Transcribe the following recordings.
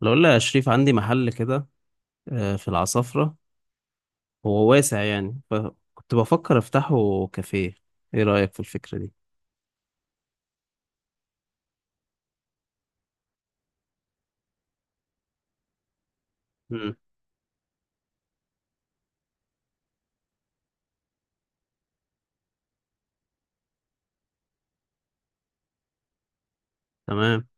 لو قلنا يا شريف، عندي محل كده في العصافرة. هو واسع يعني، فكنت بفكر افتحه كافيه. ايه رأيك في الفكرة دي؟ مم. تمام.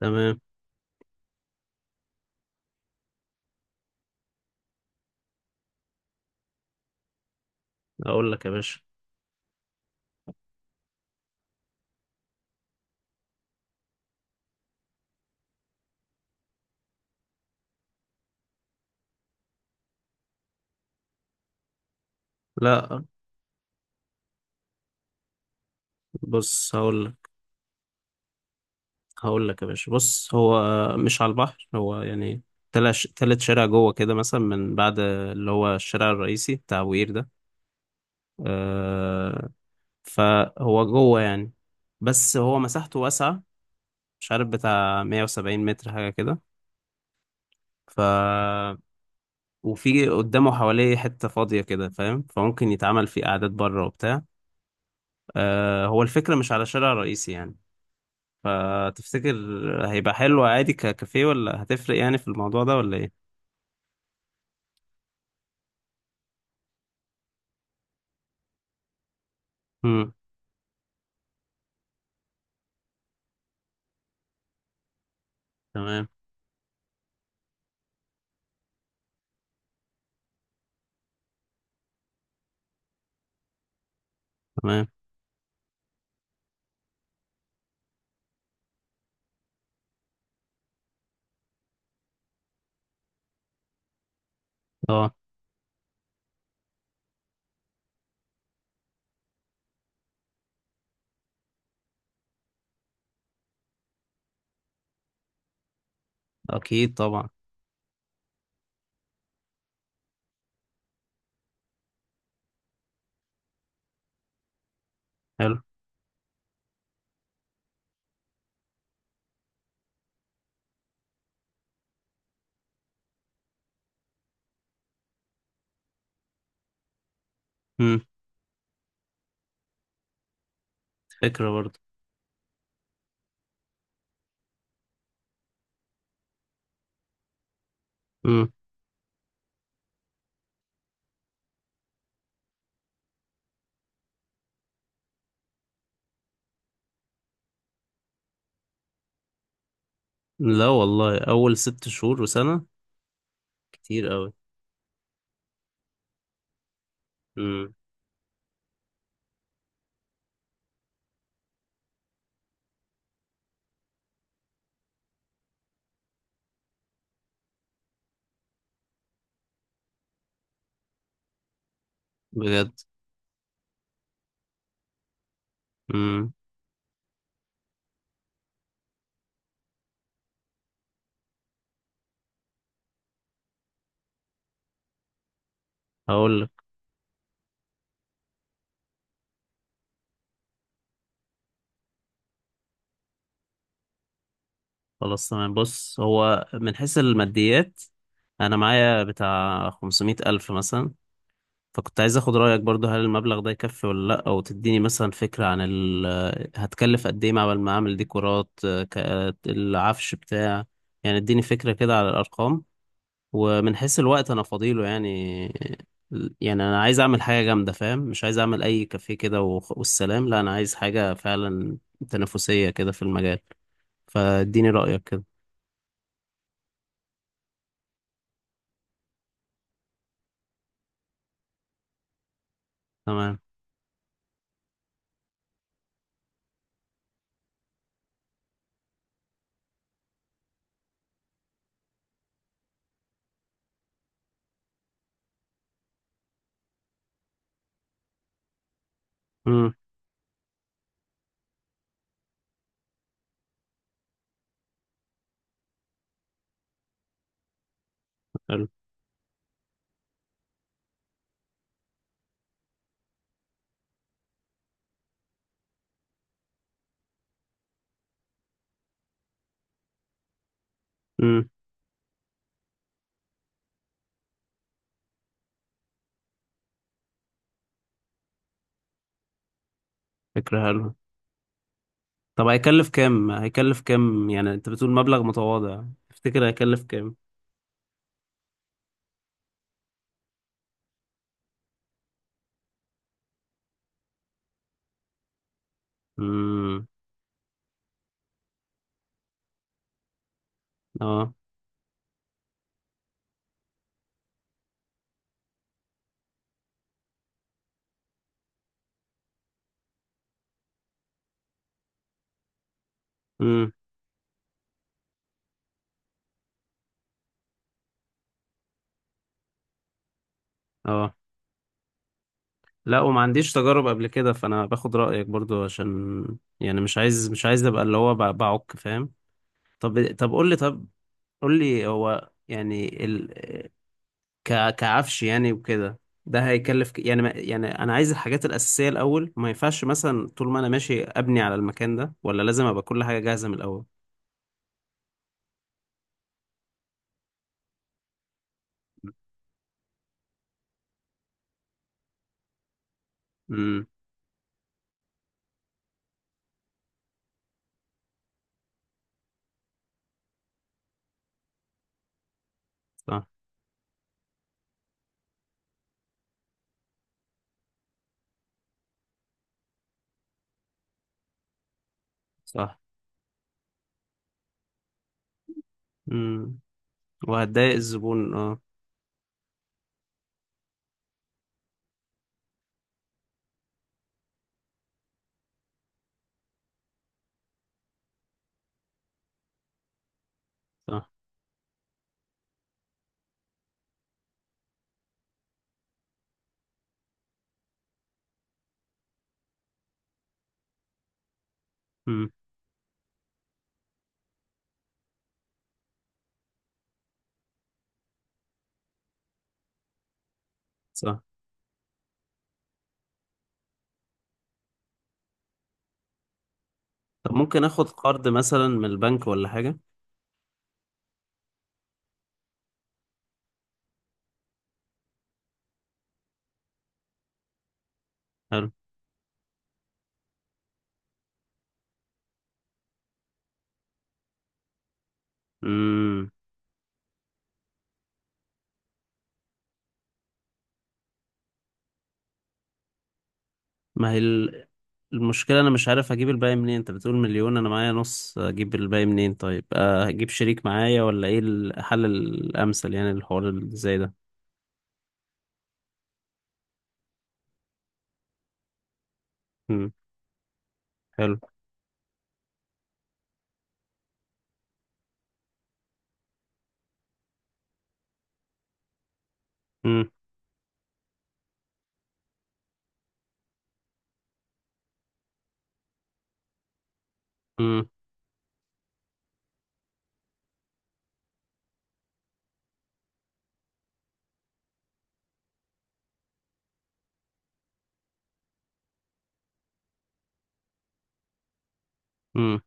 تمام. اقول لك يا باشا. لا. بص، هقول لك يا باشا، بص هو مش على البحر. هو يعني تلات تلات شارع جوه كده مثلا، من بعد اللي هو الشارع الرئيسي بتاع وير ده آه، فهو جوه يعني، بس هو مساحته واسعة، مش عارف بتاع 170 متر حاجة كده. ف وفي قدامه حواليه حتة فاضية كده فاهم، فممكن يتعمل فيه قعدات بره وبتاع. هو الفكرة مش على شارع رئيسي يعني، فتفتكر هيبقى حلو عادي ككافيه، ولا هتفرق يعني في الموضوع ده ولا ايه؟ امم. تمام. تمام. اه. اكيد طبعا. حلو. امم. فكرة برضه. امم. لا والله، اول 6 شهور وسنة. كتير قوي. امم. بجد. امم. هقول لك. خلاص، تمام. بص هو من حيث الماديات، انا معايا بتاع 500 ألف مثلا. فكنت عايز اخد رأيك برضو، هل المبلغ ده يكفي ولا لا، او تديني مثلا فكرة عن هتكلف قد ايه عبال ما اعمل ديكورات العفش بتاع. يعني اديني فكرة كده على الارقام. ومن حيث الوقت انا فاضيله يعني. يعني انا عايز اعمل حاجة جامدة فاهم، مش عايز اعمل اي كافيه كده والسلام. لا، انا عايز حاجة فعلا تنافسية كده في المجال. فاديني رأيك كده. تمام. امم. حلو. امم. فكرة حلوة. طب هيكلف كام؟ هيكلف كام يعني؟ انت بتقول مبلغ متواضع. تفتكر هيكلف كام؟ امم. اه. امم. اه. لا، وما عنديش تجارب قبل كده، فانا باخد رأيك برضو عشان، يعني مش عايز ابقى اللي هو بعك فاهم. طب طب قول لي. طب قول لي هو يعني كعفش يعني وكده. ده هيكلف ك... يعني ما... يعني انا عايز الحاجات الأساسية الأول. ما ينفعش مثلا طول ما انا ماشي ابني على المكان ده، ولا لازم ابقى كل حاجة جاهزة من الأول؟ امم. صح. صح. امم. وهتضايق الزبون اه. صح. امم. صح. طب ممكن اخد قرض مثلا من البنك ولا حاجة؟ حلو. امم. ما هي المشكلة، انا مش عارف اجيب الباقي منين. انت بتقول مليون، انا معايا نص، اجيب الباقي منين؟ طيب هجيب شريك معايا، ولا ايه الحل الامثل يعني الحوار اللي زي ده؟ امم. حلو. امم. امم. امم.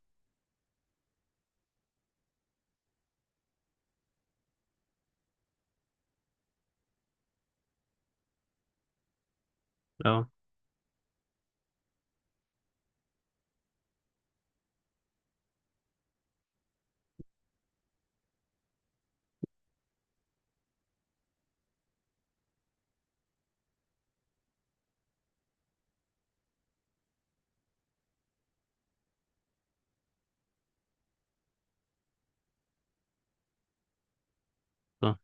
اه. صح.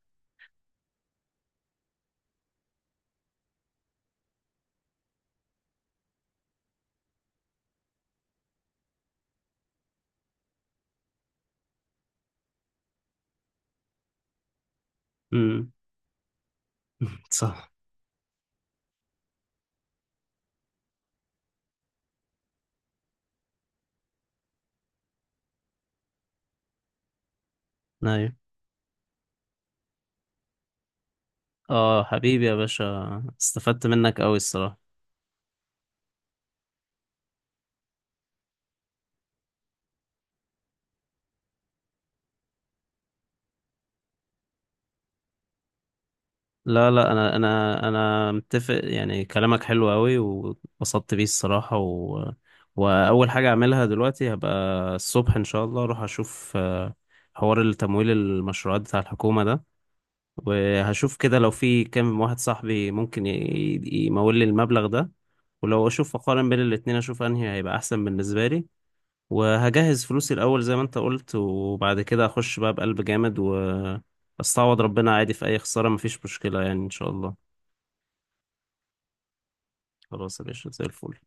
امم. صح. ايوه. اه حبيبي يا باشا، استفدت منك قوي الصراحة. لا لا، انا متفق، يعني كلامك حلو قوي واتبسطت بيه الصراحه واول حاجه اعملها دلوقتي، هبقى الصبح ان شاء الله اروح اشوف حوار التمويل المشروعات بتاع الحكومه ده. وهشوف كده لو في كام واحد صاحبي ممكن يمول لي المبلغ ده. ولو اشوف اقارن بين الاتنين، اشوف انهي هيبقى احسن بالنسبه لي. وهجهز فلوسي الاول زي ما انت قلت، وبعد كده اخش بقى بقلب جامد. واستعوض ربنا عادي في اي خساره، مفيش مشكله يعني ان شاء الله. خلاص يا باشا، زي الفل.